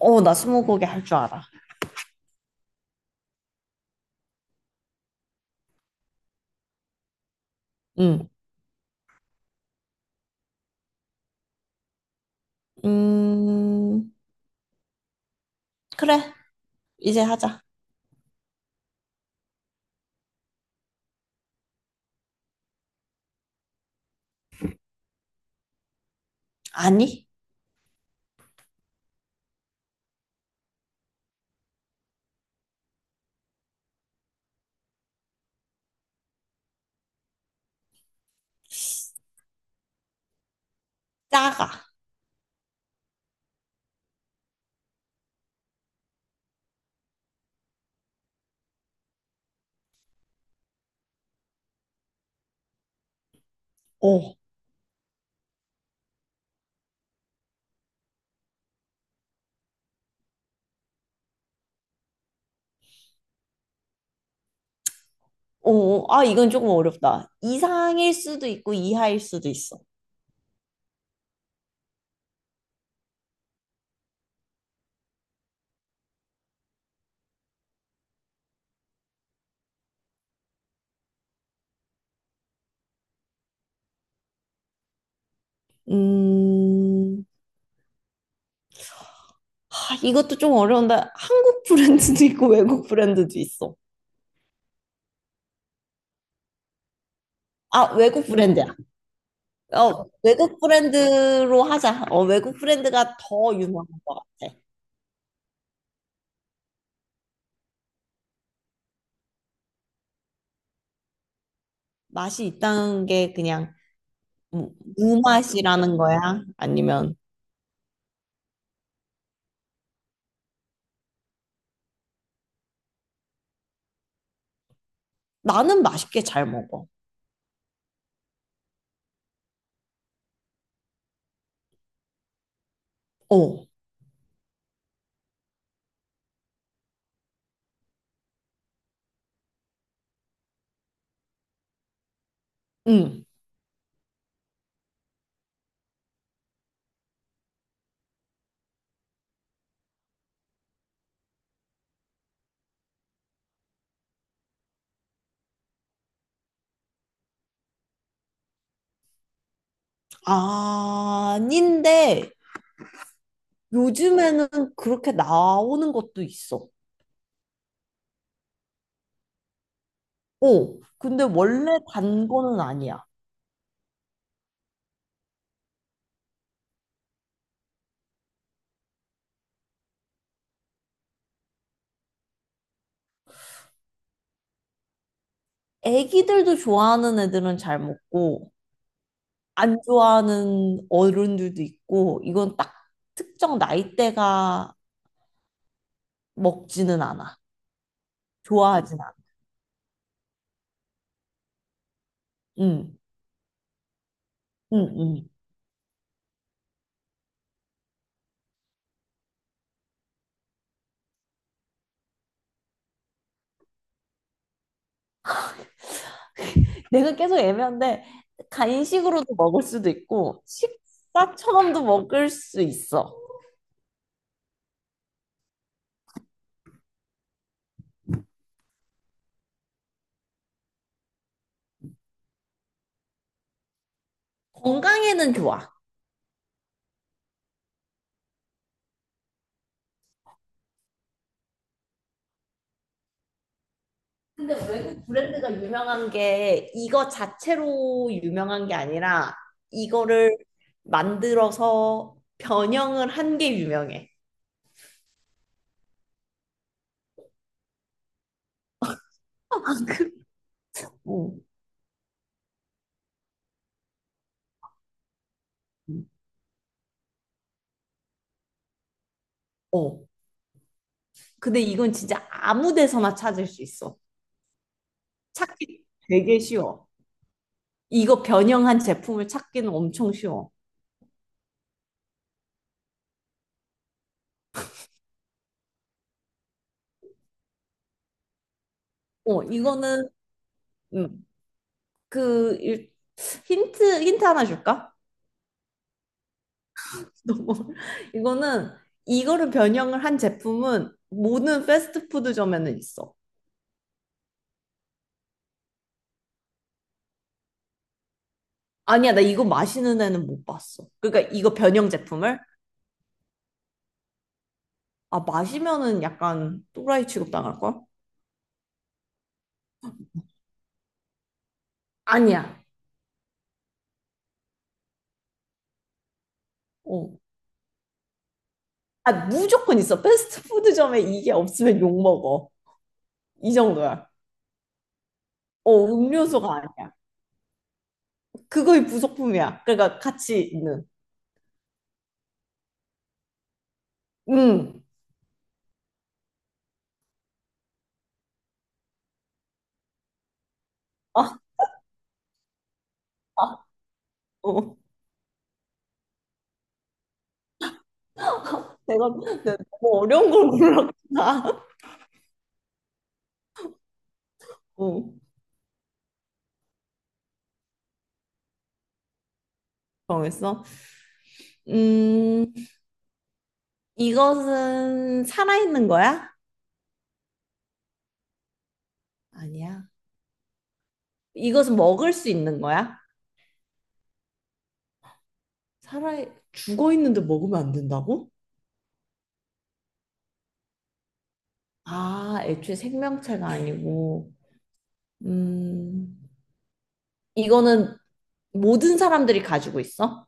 어, 나 스무고개 할 줄 알아. 응. 음, 그래. 이제 하자. 아니, 작아. 어. 이건 조금 어렵다. 이상일 수도 있고, 이하일 수도 있어. 음, 이것도 좀 어려운데, 한국 브랜드도 있고, 외국 브랜드도 있어. 아, 외국 브랜드야. 어, 외국 브랜드로 하자. 어, 외국 브랜드가 더 유명한 것 같아. 맛이 있다는 게 그냥 무맛이라는 거야? 아니면 나는 맛있게 잘 먹어. 어, 응. 아닌데, 요즘에는 그렇게 나오는 것도 있어. 어, 근데 원래 단 거는 아니야. 애기들도 좋아하는 애들은 잘 먹고, 안 좋아하는 어른들도 있고, 이건 딱 특정 나이대가 먹지는 않아. 좋아하진 않아. 응, 응, 응. 내가 계속 애매한데, 간식으로도 먹을 수도 있고, 식사처럼도 먹을 수 있어. 건강에는 좋아. 근데 외국 브랜드가 유명한 게 이거 자체로 유명한 게 아니라 이거를 만들어서 변형을 한 게 유명해. 어. 어. 근데 이건 진짜 아무 데서나 찾을 수 있어. 찾기 되게 쉬워. 이거 변형한 제품을 찾기는 엄청 쉬워. 어, 이거는 음, 그 일- 힌트 하나 줄까? 너무 이거는 이거를 변형을 한 제품은 모든 패스트푸드점에는 있어. 아니야, 나 이거 마시는 애는 못 봤어. 그러니까 이거 변형 제품을 아 마시면은 약간 또라이 취급 당할 걸? 아니야. 어. 아 무조건 있어. 패스트푸드점에 이게 없으면 욕 먹어. 이 정도야. 어, 음료수가 아니야. 그거의 부속품이야. 그러니까 같이 있는. 응. 아, 아, 어. 내가, 내가 너무 어려운 걸 골랐구나. 어. 정했어? 음, 이것은 살아있는 거야? 아니야. 이것은 먹을 수 있는 거야? 살아, 죽어 있는데 먹으면 안 된다고? 아, 애초에 생명체가 아니고. 음, 이거는 모든 사람들이 가지고 있어?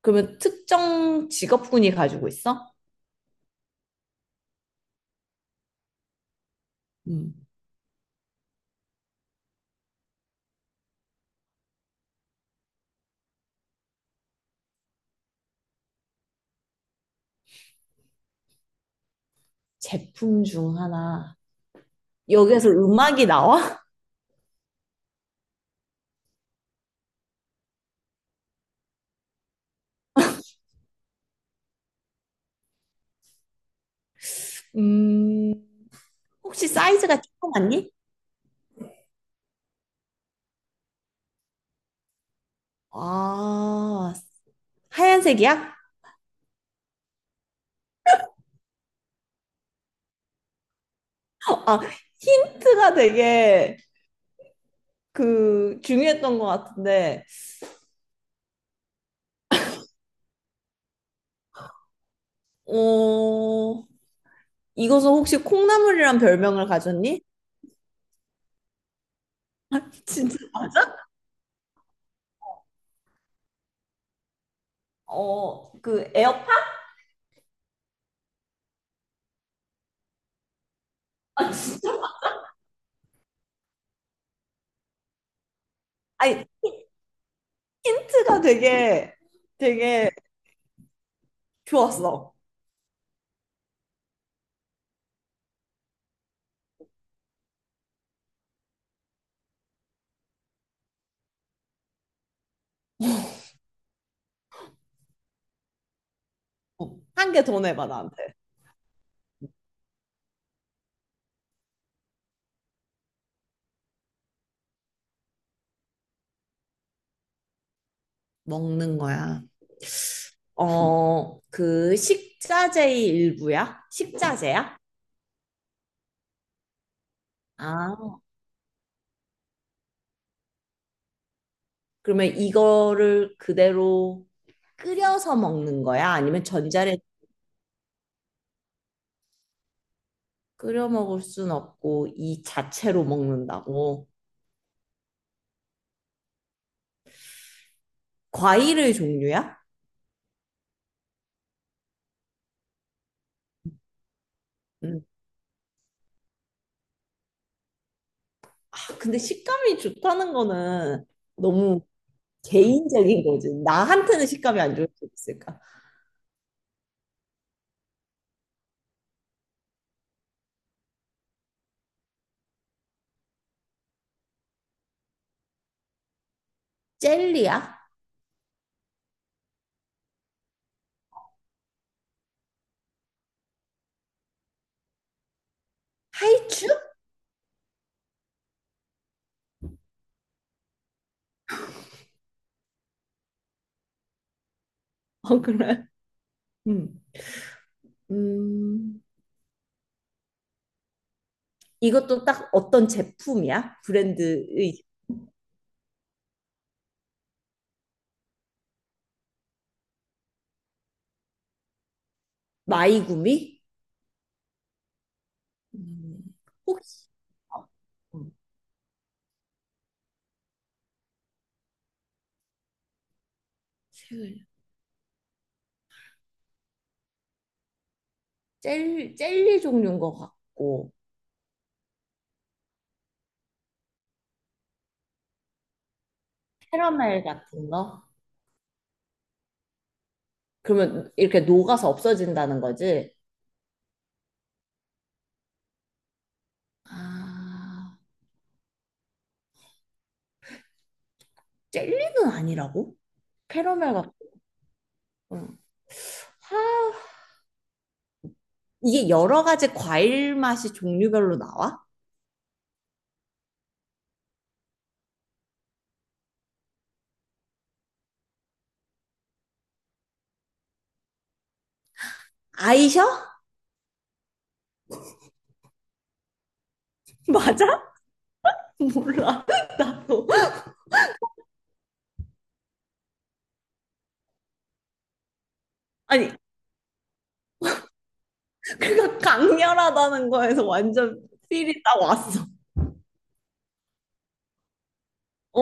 그러면 특정 직업군이 가지고 있어? 음, 제품 중 하나. 여기에서 음악이 나와? 음, 혹시 사이즈가 조그맣니? 아, 하얀색이야? 아, 힌트가 되게 그 중요했던 것 같은데, 어, 이것은 혹시 콩나물이란 별명을 가졌니? 아, 진짜 맞아? 어, 그 에어팟? 아, 진짜? 아니, 힌트가 되게 좋았어. 한 개 더 내봐, 나한테. 먹는 거야. 어, 그 식자재의 일부야? 식자재야? 아, 그러면 이거를 그대로 끓여서 먹는 거야? 아니면 전자레 끓여 먹을 순 없고 이 자체로 먹는다고. 과일의 종류야? 음. 아, 근데 식감이 좋다는 거는 너무 개인적인 거지. 나한테는 식감이 안 좋을 수 있을까? 젤리야? 하이츄? 어, 그래. 음. 음. 이것도 딱 어떤 제품이야? 브랜드의 마이구미? 음. 혹시 어, 음. 색을 젤리 종류인 것 같고 캐러멜 같은 거? 그러면 이렇게 녹아서 없어진다는 거지? 아, 젤리는 아니라고? 캐러멜 같은. 응. 하, 이게 여러 가지 과일 맛이 종류별로 나와? 아이셔? 맞아? 몰라. 나도. 아니, 강렬하다는 거에서 완전 필이 딱 왔어. 어.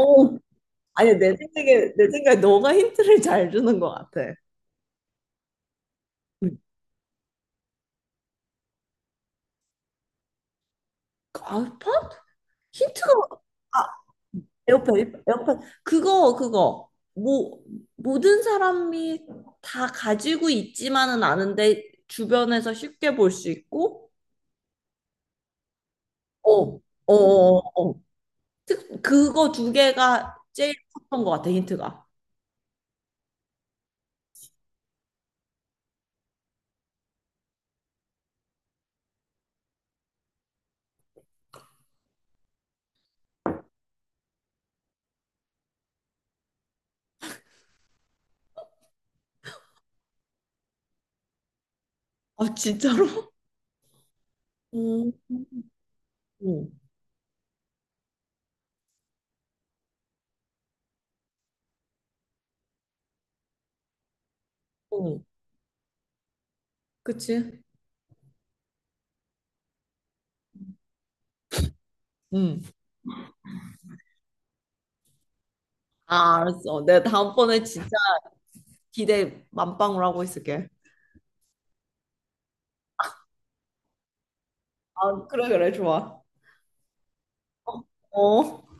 아니, 내 생각에 너가 힌트를 잘 주는 것 같아. 응. 알팟? 힌트가, 에어팟, 에어팟. 그거. 뭐, 모든 사람이 다 가지고 있지만은 않은데, 주변에서 쉽게 볼 수 있고, 어, 어. 특, 그거 두 개가 제일 컸던 것 같아, 힌트가. 아, 진짜로? 응, 응, 응. 그치? 응. 아, 알았어. 내가 다음번에 진짜 기대 만빵으로 하고 있을게. 아, 그래, 그래, 좋아. 어.